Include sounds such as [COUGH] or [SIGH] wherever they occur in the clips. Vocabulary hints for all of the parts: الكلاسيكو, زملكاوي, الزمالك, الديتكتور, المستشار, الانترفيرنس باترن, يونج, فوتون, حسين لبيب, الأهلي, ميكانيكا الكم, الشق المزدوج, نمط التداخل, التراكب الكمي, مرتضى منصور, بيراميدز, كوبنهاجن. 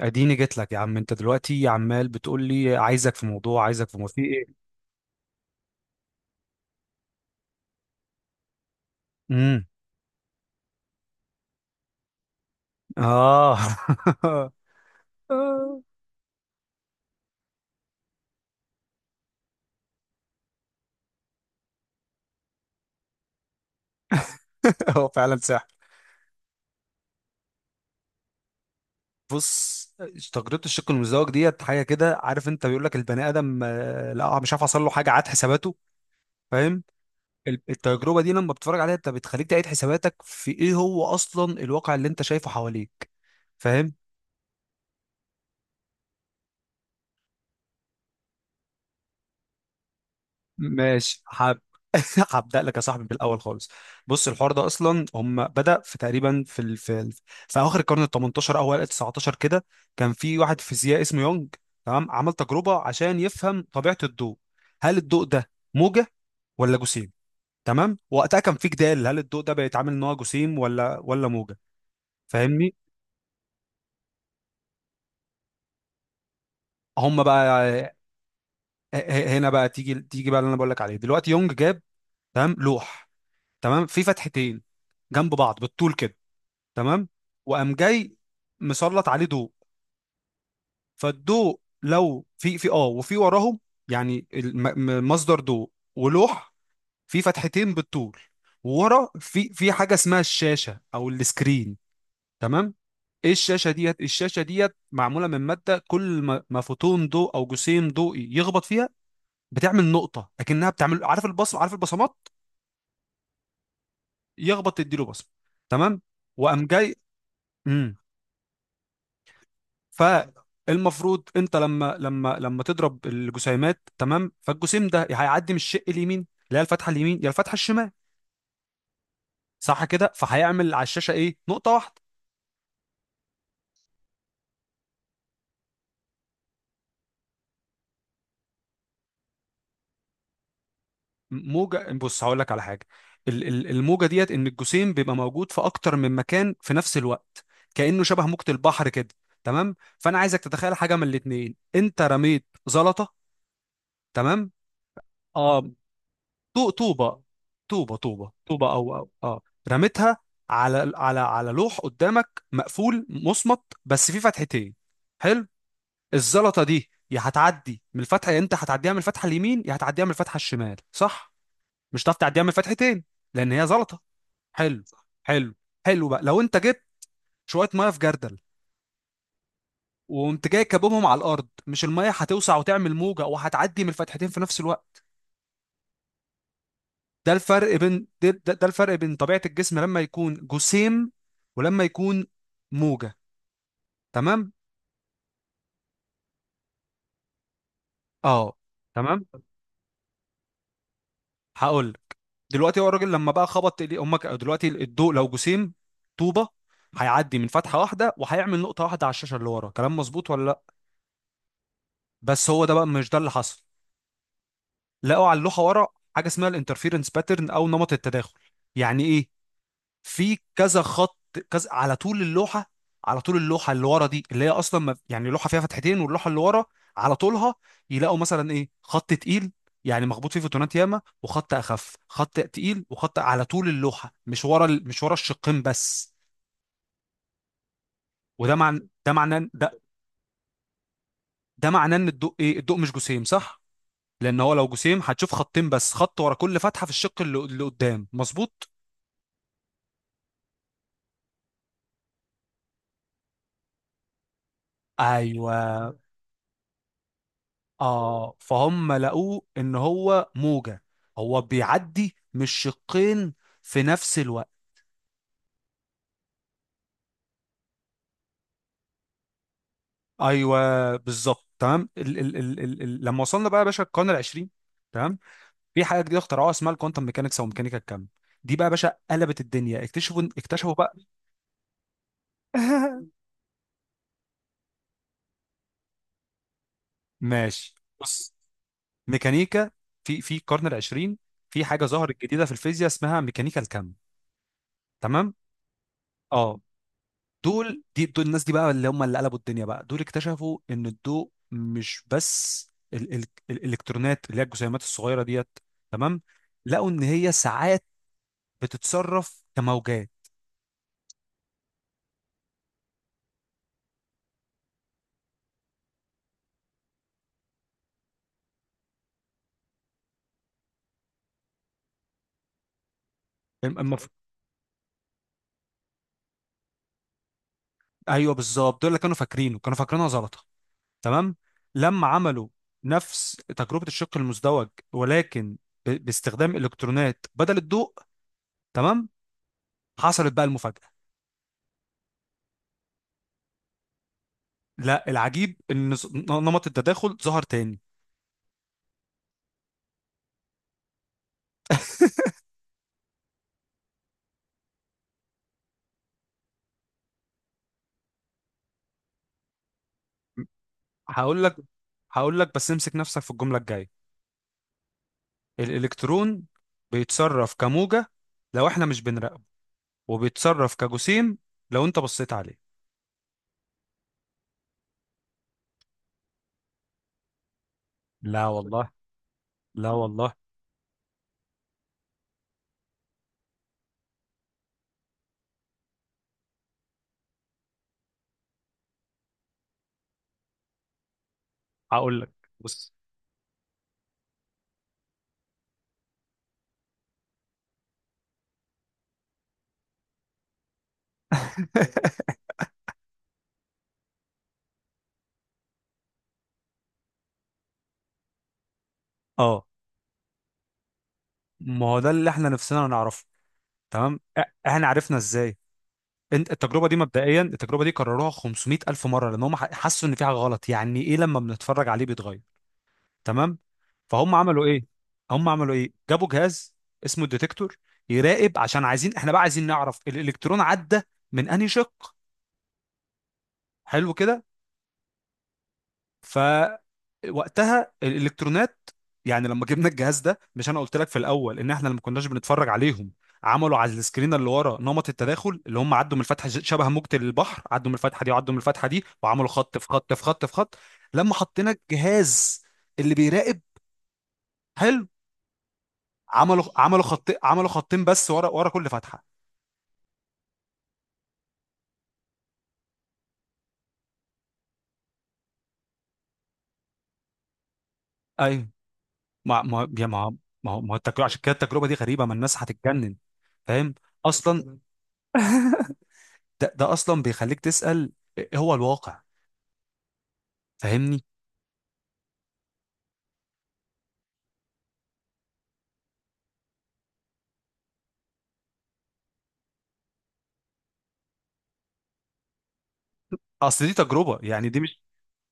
اديني جيت لك يا عم. انت دلوقتي عمال بتقول لي عايزك في موضوع، عايزك في موضوع، في ايه؟ امم اه. [LAUGHS] هو فعلا سحر. بص، تجربة الشق المزدوج ديت حاجة كده، عارف انت؟ بيقول لك البني ادم آه، لا مش عارف، حصل له حاجة عاد حساباته، فاهم؟ التجربة دي لما بتتفرج عليها انت، بتخليك تعيد حساباتك في ايه هو اصلا الواقع اللي انت شايفه حواليك، فاهم؟ ماشي حب. [LAUGHS] هبدأ لك يا صاحبي بالأول خالص. بص، الحوار ده أصلا هم بدأ في تقريبا في في آخر القرن ال 18، أوائل ال 19 كده. كان في واحد فيزيائي اسمه يونج. تمام، عمل تجربة عشان يفهم طبيعة الضوء. هل الضوء ده موجة ولا جسيم؟ تمام، وقتها كان في جدال هل الضوء ده بيتعامل ان هو جسيم ولا موجه، فاهمني؟ هم بقى، هنا بقى تيجي بقى اللي انا بقول لك عليه دلوقتي. يونج جاب، تمام، لوح، تمام، في فتحتين جنب بعض بالطول كده، تمام. وقام جاي مسلط عليه ضوء. فالضوء لو في في اه وفي وراهم، يعني مصدر ضوء ولوح في فتحتين بالطول، وورا في حاجه اسمها الشاشه او السكرين، تمام. ايه الشاشه ديت؟ الشاشه ديت معموله من ماده، كل ما فوتون ضوء او جسيم ضوئي يخبط فيها بتعمل نقطه، اكنها بتعمل، عارف البصم، عارف البصمات؟ يخبط تديله بصمه، تمام. وقام جاي. فالمفروض انت لما تضرب الجسيمات، تمام، فالجسيم ده يا هيعدي من الشق اليمين اللي هي الفتحه اليمين يا الفتحه الشمال، صح كده؟ فهيعمل على الشاشه ايه؟ نقطه واحده. موجه، بص، هقول لك على حاجه. الموجه ديت ان الجسيم بيبقى موجود في اكتر من مكان في نفس الوقت، كانه شبه موجه البحر كده، تمام. فانا عايزك تتخيل حاجه من الاتنين. انت رميت زلطه، تمام. اه، طوبة، طوبة، طوبة، طوبة، أو رميتها على لوح قدامك مقفول مصمت بس فيه فتحتين، حلو. الزلطة دي يا هتعدي من الفتحة، يا أنت هتعديها من الفتحة اليمين يا هتعديها من الفتحة الشمال، صح؟ مش هتعرف تعديها من الفتحتين، لأن هي زلطة. حلو. حلو حلو بقى، لو أنت جبت شوية مية في جردل وقمت جاي كابهم على الأرض، مش المية هتوسع وتعمل موجة وهتعدي من الفتحتين في نفس الوقت؟ ده الفرق بين ده، الفرق بين طبيعة الجسم لما يكون جسيم ولما يكون موجة، تمام. اه تمام. هقول لك. دلوقتي هو الراجل لما بقى خبط ايديه، امك دلوقتي الضوء لو جسيم، طوبة، هيعدي من فتحة واحدة وهيعمل نقطة واحدة على الشاشة اللي ورا، كلام مظبوط ولا لا؟ بس هو ده بقى، مش ده اللي حصل. لقوا على اللوحة ورا حاجة اسمها الانترفيرنس باترن او نمط التداخل. يعني ايه؟ في كذا خط، كذا على طول اللوحه، على طول اللوحه اللي ورا دي، اللي هي اصلا ما يعني لوحه فيها فتحتين واللوحه اللي ورا على طولها، يلاقوا مثلا ايه، خط تقيل، يعني مخبوط فيه فوتونات ياما، وخط اخف، خط تقيل، وخط على طول اللوحه، مش ورا مش ورا الشقين بس. وده معنى ده معناه ده ده معناه ان الضوء ايه، الضوء مش جسيم صح، لان هو لو جسيم هتشوف خطين بس، خط ورا كل فتحه في الشق اللي قدام، مظبوط. ايوه. اه، فهم لقوه ان هو موجة، هو بيعدي مش شقين في نفس الوقت. ايوه بالظبط تمام. ال ال ال ال ال لما وصلنا بقى يا باشا القرن العشرين، تمام، في حاجه جديده اخترعوها اسمها الكوانتم ميكانكس او ميكانيكا الكم. دي بقى يا باشا قلبت الدنيا. اكتشفوا بقى. [LAUGHS] ماشي. بص، ميكانيكا، في في القرن العشرين في حاجه ظهرت جديده في الفيزياء اسمها ميكانيكا الكم، تمام. اه، دول الناس دي بقى اللي هم اللي قلبوا الدنيا بقى، دول اكتشفوا ان الضوء مش بس، ال ال الالكترونات اللي هي الجسيمات الصغيره ديت، تمام، لقوا ان هي ساعات بتتصرف كموجات. أم- أما ف- ايوه بالظبط، دول اللي كانوا فاكرينه، كانوا فاكرينها زلطه، تمام. لما عملوا نفس تجربه الشق المزدوج ولكن باستخدام الكترونات بدل الضوء، تمام، حصلت بقى المفاجاه. لا، العجيب ان نمط التداخل ظهر تاني. هقول لك، بس امسك نفسك في الجملة الجاية. الإلكترون بيتصرف كموجة لو احنا مش بنراقبه، وبيتصرف كجسيم لو انت بصيت عليه. لا والله. لا والله. هقول لك. بص. [LAUGHS] اه ما هو ده اللي احنا نفسنا نعرفه، تمام. احنا عرفنا ازاي؟ انت التجربه دي مبدئيا، التجربه دي كرروها 500 الف مره، لان هم حسوا ان في حاجه غلط، يعني ايه لما بنتفرج عليه بيتغير، تمام. فهم عملوا ايه، هم عملوا ايه؟ جابوا جهاز اسمه الديتكتور يراقب، عشان عايزين، احنا بقى عايزين نعرف الالكترون عدى من انهي شق. حلو كده. فوقتها الالكترونات، يعني لما جبنا الجهاز ده، مش انا قلت لك في الاول ان احنا لما كناش بنتفرج عليهم عملوا على السكرين اللي ورا نمط التداخل، اللي هم عدوا من الفتحه، شبه موجة البحر، عدوا من الفتحه دي وعدوا من الفتحه دي وعملوا خط في خط في خط في خط. لما حطينا الجهاز اللي بيراقب، حلو، عملوا خط، عملوا خطين بس ورا، ورا كل فتحه. ايوه. ما ما يا ما ما هو التجربه، عشان كده التجربه دي غريبه، ما الناس هتتجنن، فاهم؟ اصلا ده اصلا بيخليك تسال إيه هو الواقع، فاهمني؟ اصل دي تجربه، يعني دي مش...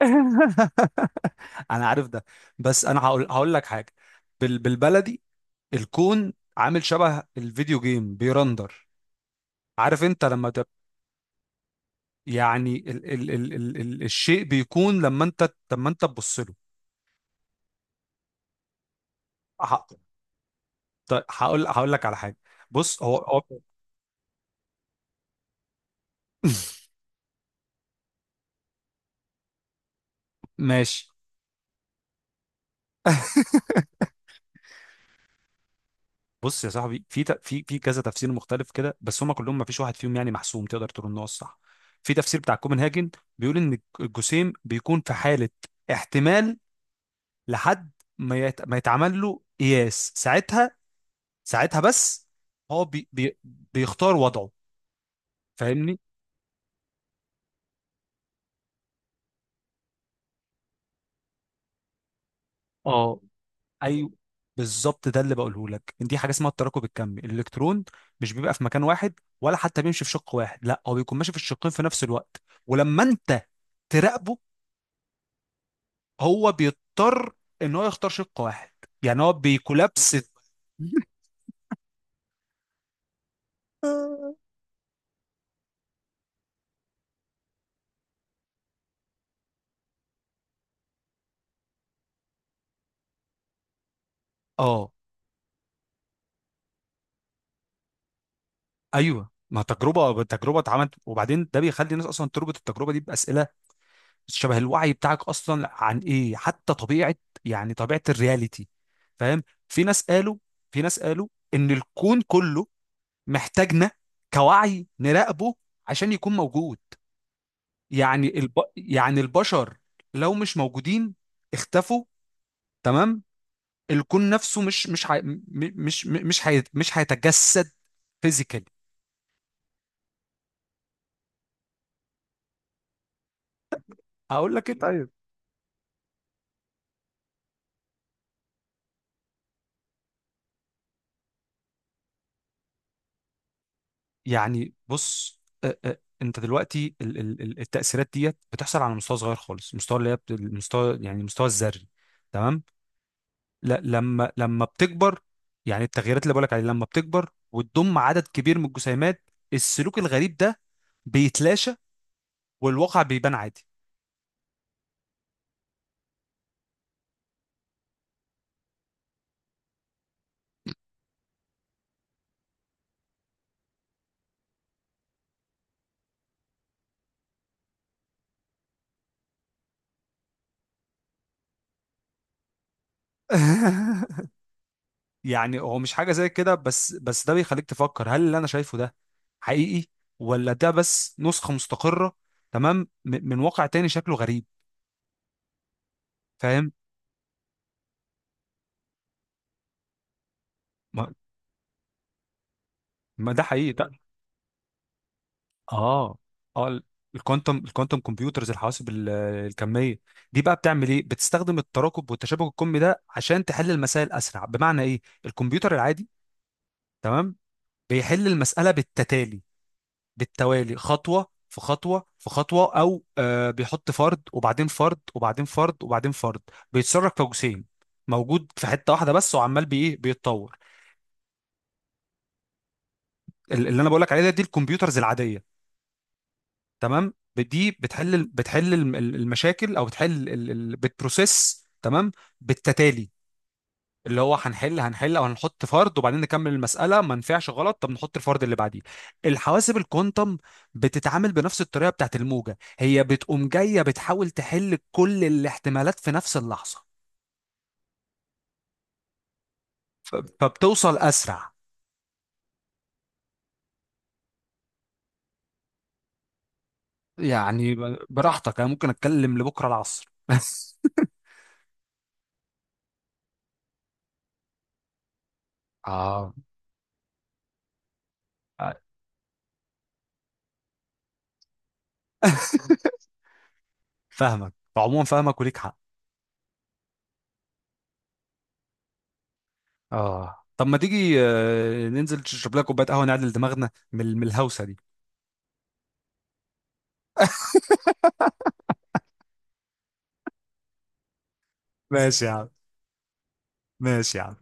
[LAUGHS] انا عارف ده، بس انا هقول لك حاجه. بال بالبلدي. الكون عامل شبه الفيديو جيم بيرندر. عارف انت لما تب... يعني ال ال ال ال ال الشيء بيكون لما انت تبص له. طيب هقول لك على حاجه. بص، هو. [LAUGHS] ماشي، بص يا صاحبي، في في كذا تفسير مختلف كده، بس هما كلهم ما فيش واحد فيهم يعني محسوم تقدر تقول ان هو الصح. في تفسير بتاع كوبنهاجن، بيقول ان الجسيم بيكون في حاله احتمال لحد ما ما يتعمل له قياس، ساعتها، ساعتها بس، هو بيختار وضعه، فاهمني؟ اه. ايوه بالظبط، ده اللي بقوله لك، دي حاجه اسمها التراكب الكمي. الالكترون مش بيبقى في مكان واحد، ولا حتى بيمشي في شق واحد، لا، هو بيكون ماشي في الشقين في نفس الوقت. ولما انت تراقبه هو بيضطر ان هو يختار شق واحد، يعني هو بيكولابس. [LAUGHS] اه ايوه، ما تجربه، تجربه اتعملت، وبعدين ده بيخلي الناس اصلا تربط التجربه دي باسئله شبه الوعي بتاعك اصلا عن ايه حتى طبيعه، يعني طبيعه الرياليتي، فاهم؟ في ناس قالوا في ناس قالوا ان الكون كله محتاجنا كوعي نراقبه عشان يكون موجود. يعني يعني البشر لو مش موجودين، اختفوا، تمام، الكون نفسه مش مش ح... مش مش مش هي... مش هيتجسد فيزيكالي. اقول لك انت، يعني بص، أ- أ- انت دلوقتي التأثيرات ديت بتحصل على مستوى صغير خالص، مستوى اللي هي المستوى يعني المستوى الذري، تمام. لا، لما بتكبر، يعني التغييرات اللي بقولك عليها لما بتكبر وتضم عدد كبير من الجسيمات، السلوك الغريب ده بيتلاشى، والواقع بيبان عادي. [LAUGHS] يعني هو مش حاجة زي كده، بس ده بيخليك تفكر هل اللي انا شايفه ده حقيقي، ولا ده بس نسخة مستقرة، تمام، من واقع تاني شكله غريب، فاهم؟ ما ده حقيقي ده. اه اه الكوانتم، الكوانتم كمبيوترز، الحواسب الكميه، دي بقى بتعمل ايه، بتستخدم التراكب والتشابك الكمي ده عشان تحل المسائل اسرع. بمعنى ايه؟ الكمبيوتر العادي، تمام، بيحل المساله بالتتالي، بالتوالي، خطوه في خطوه في خطوه، او آه بيحط فرد وبعدين فرد وبعدين فرد وبعدين فرد، بيتصرف كجسيم موجود في حته واحده بس، وعمال بايه، بيتطور. اللي انا بقول لك عليه ده، دي الكمبيوترز العاديه، تمام، دي بتحل المشاكل، او بتحل بتبروسيس، تمام، بالتتالي. اللي هو هنحل او هنحط فرد وبعدين نكمل المساله، ما نفعش غلط، طب نحط الفرد اللي بعديه. الحواسب الكوانتم بتتعامل بنفس الطريقه بتاعت الموجه، هي بتقوم جايه بتحاول تحل كل الاحتمالات في نفس اللحظه، فبتوصل اسرع. يعني براحتك، انا ممكن اتكلم لبكره العصر. [LAUGHS] اه. [LAUGHS] فاهمك عموما، فاهمك وليك حق. اه، طب ما تيجي ننزل نشرب لنا كوبايه قهوه، نعدل دماغنا من الهوسه دي. ماشي يا عم. ماشي يا عم.